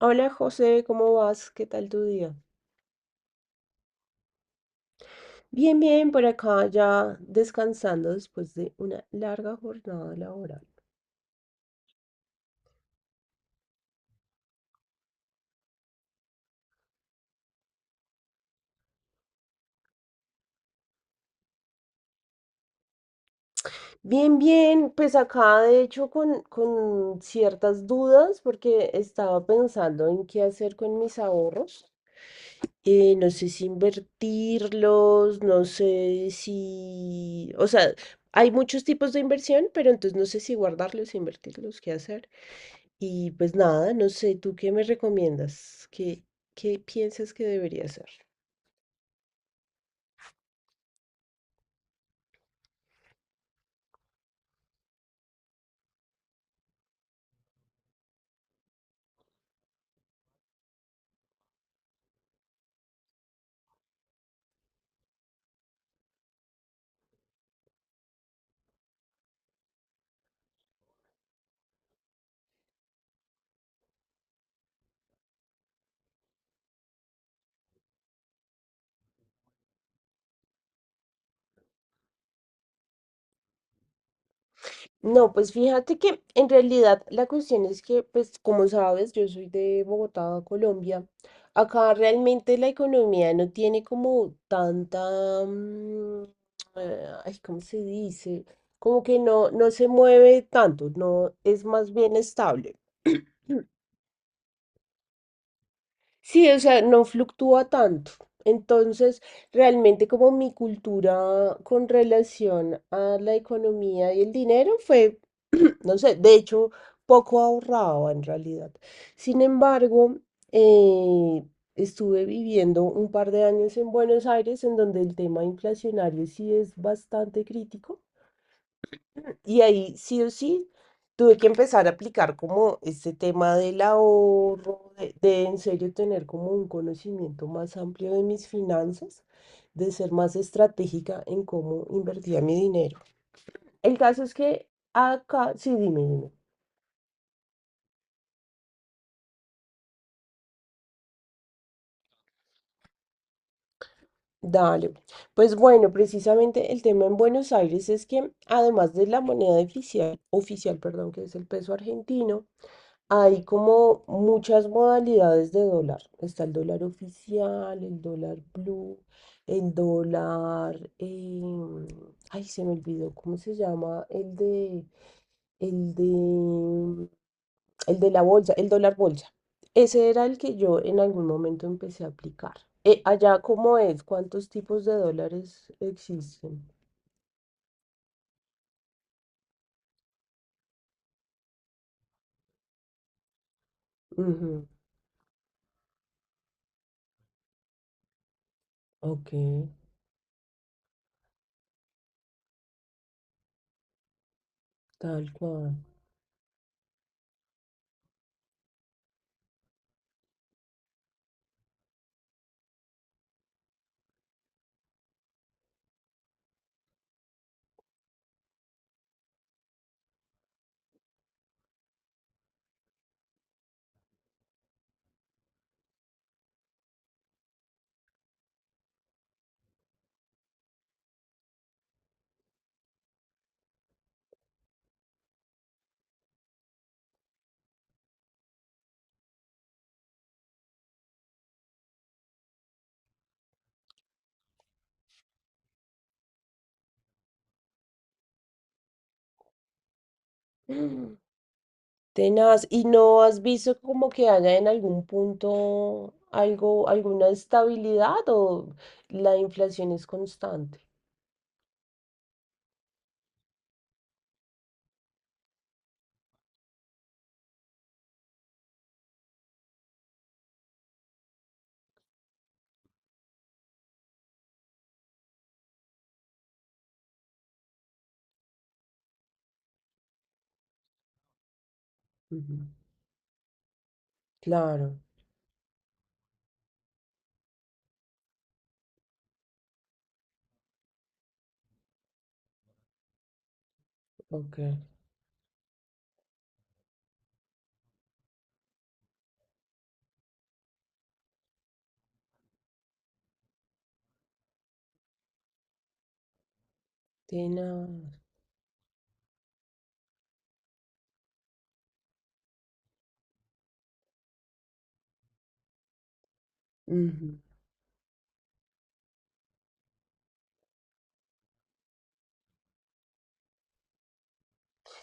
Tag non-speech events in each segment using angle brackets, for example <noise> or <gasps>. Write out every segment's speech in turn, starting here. Hola José, ¿cómo vas? ¿Qué tal tu día? Bien, bien, por acá ya descansando después de una larga jornada laboral. Bien, bien, pues acá de hecho con ciertas dudas porque estaba pensando en qué hacer con mis ahorros. No sé si invertirlos, no sé si... O sea, hay muchos tipos de inversión, pero entonces no sé si guardarlos, invertirlos, qué hacer. Y pues nada, no sé, ¿tú qué me recomiendas? ¿Qué piensas que debería hacer? No, pues fíjate que en realidad la cuestión es que, pues como sabes, yo soy de Bogotá, Colombia. Acá realmente la economía no tiene como tanta, ay, ¿cómo se dice? Como que no se mueve tanto, no es más bien estable. Sí, o sea, no fluctúa tanto. Entonces, realmente como mi cultura con relación a la economía y el dinero fue, <clears throat> no sé, de hecho, poco ahorraba en realidad. Sin embargo, eh, estuve viviendo un par de años en Buenos Aires, en donde el tema inflacionario sí es bastante crítico. Y ahí sí o sí tuve que empezar a aplicar como este tema del ahorro, de en serio tener como un conocimiento más amplio de mis finanzas, de ser más estratégica en cómo invertía mi dinero. El caso es que acá, sí, dime, dime. Dale. Pues bueno, precisamente el tema en Buenos Aires es que además de la moneda oficial, perdón, que es el peso argentino, hay como muchas modalidades de dólar. Está el dólar oficial, el dólar blue, el dólar... ay, se me olvidó, ¿cómo se llama? El de, el de la bolsa, el dólar bolsa. Ese era el que yo en algún momento empecé a aplicar. Allá, ¿cómo es? ¿Cuántos tipos de dólares existen? Ujú. Ok, tal cual. <gasps> Tenaz, ¿y no has visto como que haya en algún punto algo, alguna estabilidad o la inflación es constante? Ujú. Claro, ok. Tenaz. Ujú.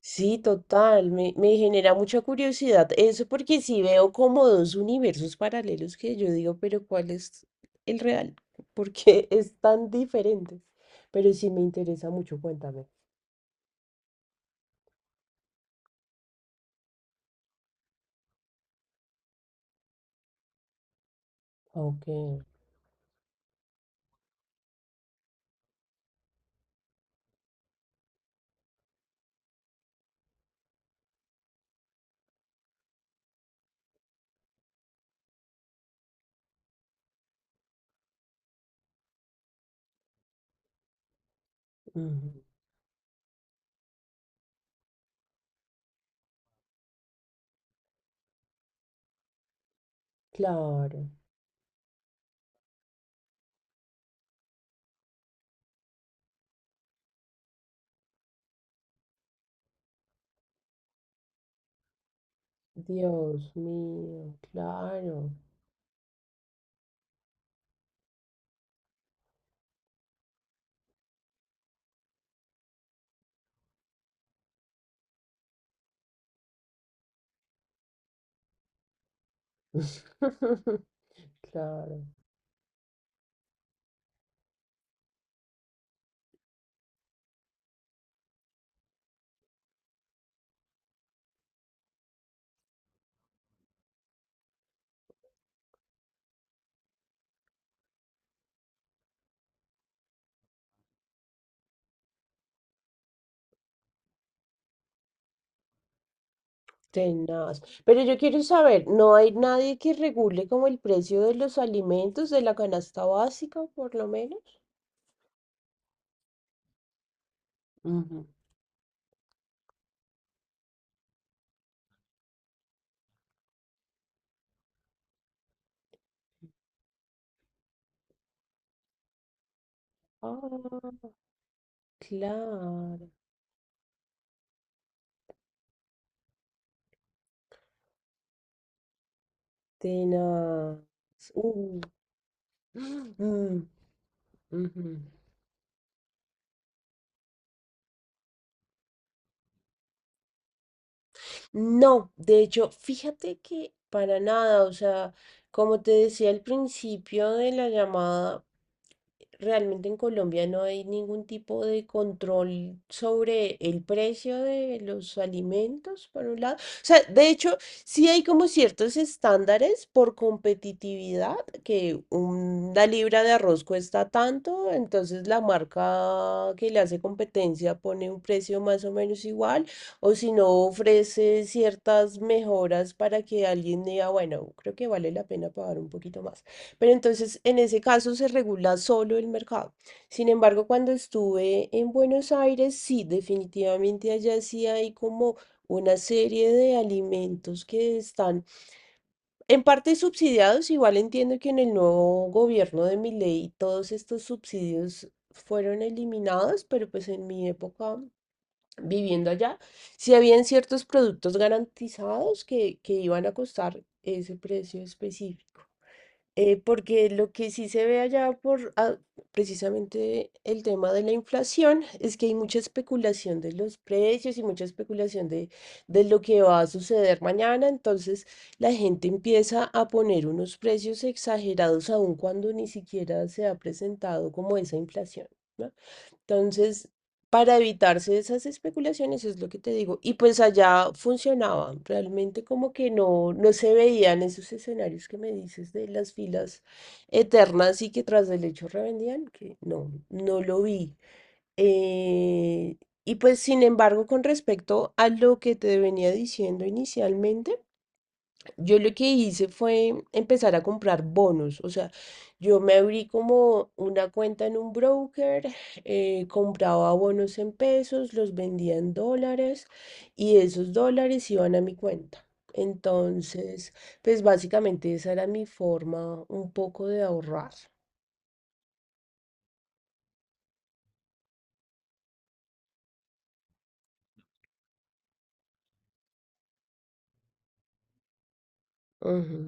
Sí, total, me genera mucha curiosidad eso porque sí veo como dos universos paralelos que yo digo, pero ¿cuál es el real? <laughs> Porque es tan diferente. Pero sí me interesa mucho, cuéntame. Ok, ujú, claro. Dios mío, claro. <laughs> Claro, tenaz. Pero yo quiero saber, ¿no hay nadie que regule como el precio de los alimentos de la canasta básica, por lo menos? Ujú. Ah, claro, tenaz. Uh, <gasps> mm, ujú. No, de hecho, fíjate que para nada, o sea, como te decía al principio de la llamada, realmente en Colombia no hay ningún tipo de control sobre el precio de los alimentos, por un lado. O sea, de hecho, sí hay como ciertos estándares por competitividad, que una libra de arroz cuesta tanto, entonces la marca que le hace competencia pone un precio más o menos igual. O si no, ofrece ciertas mejoras para que alguien diga, bueno, creo que vale la pena pagar un poquito más. Pero entonces, en ese caso, se regula solo el mercado. Sin embargo, cuando estuve en Buenos Aires, sí, definitivamente allá sí hay como una serie de alimentos que están en parte subsidiados. Igual entiendo que en el nuevo gobierno de Milei todos estos subsidios fueron eliminados, pero pues en mi época viviendo allá, si habían ciertos productos garantizados que iban a costar ese precio específico. Porque lo que sí se ve allá por ah, precisamente el tema de la inflación es que hay mucha especulación de los precios y mucha especulación de lo que va a suceder mañana. Entonces la gente empieza a poner unos precios exagerados aun cuando ni siquiera se ha presentado como esa inflación, ¿no? Entonces, para evitarse esas especulaciones es lo que te digo. Y pues allá funcionaba, realmente como que no se veían esos escenarios que me dices de las filas eternas y que tras del hecho revendían, que no lo vi. Eh, y pues sin embargo, con respecto a lo que te venía diciendo inicialmente, yo lo que hice fue empezar a comprar bonos, o sea, yo me abrí como una cuenta en un broker, compraba bonos en pesos, los vendía en dólares y esos dólares iban a mi cuenta. Entonces, pues básicamente esa era mi forma un poco de ahorrar. Ujú,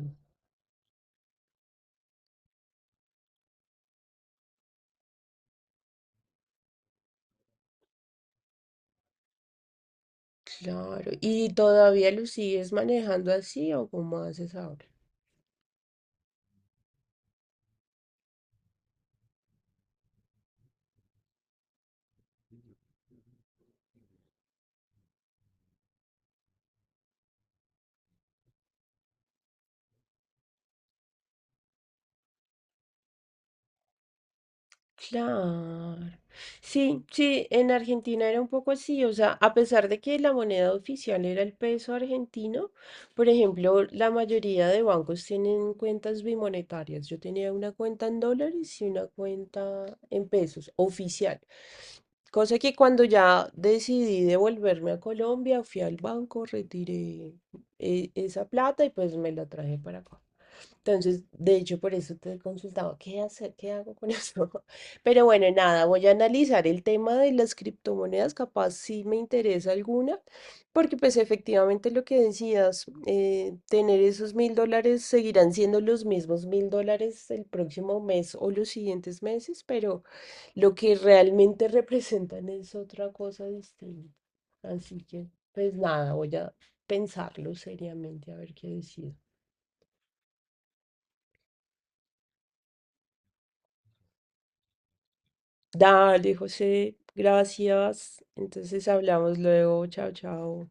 claro. ¿Y todavía lo sigues manejando así o cómo haces ahora? Claro. Sí, sí, en Argentina era un poco así, o sea, a pesar de que la moneda oficial era el peso argentino, por ejemplo, la mayoría de bancos tienen cuentas bimonetarias. Yo tenía una cuenta en dólares y una cuenta en pesos oficial. Cosa que cuando ya decidí devolverme a Colombia, fui al banco, retiré esa plata y pues me la traje para acá. Entonces, de hecho, por eso te consultaba, ¿qué hacer? ¿Qué hago con <laughs> eso? Pero bueno, nada, voy a analizar el tema de las criptomonedas, capaz si me interesa alguna, porque pues efectivamente lo que decías, tener esos $1000 seguirán siendo los mismos $1000 el próximo mes o los siguientes meses, pero lo que realmente representan es otra cosa distinta. Así que pues nada, voy a pensarlo seriamente a ver qué decido. Dale, José, gracias. Entonces hablamos luego, chao, chao.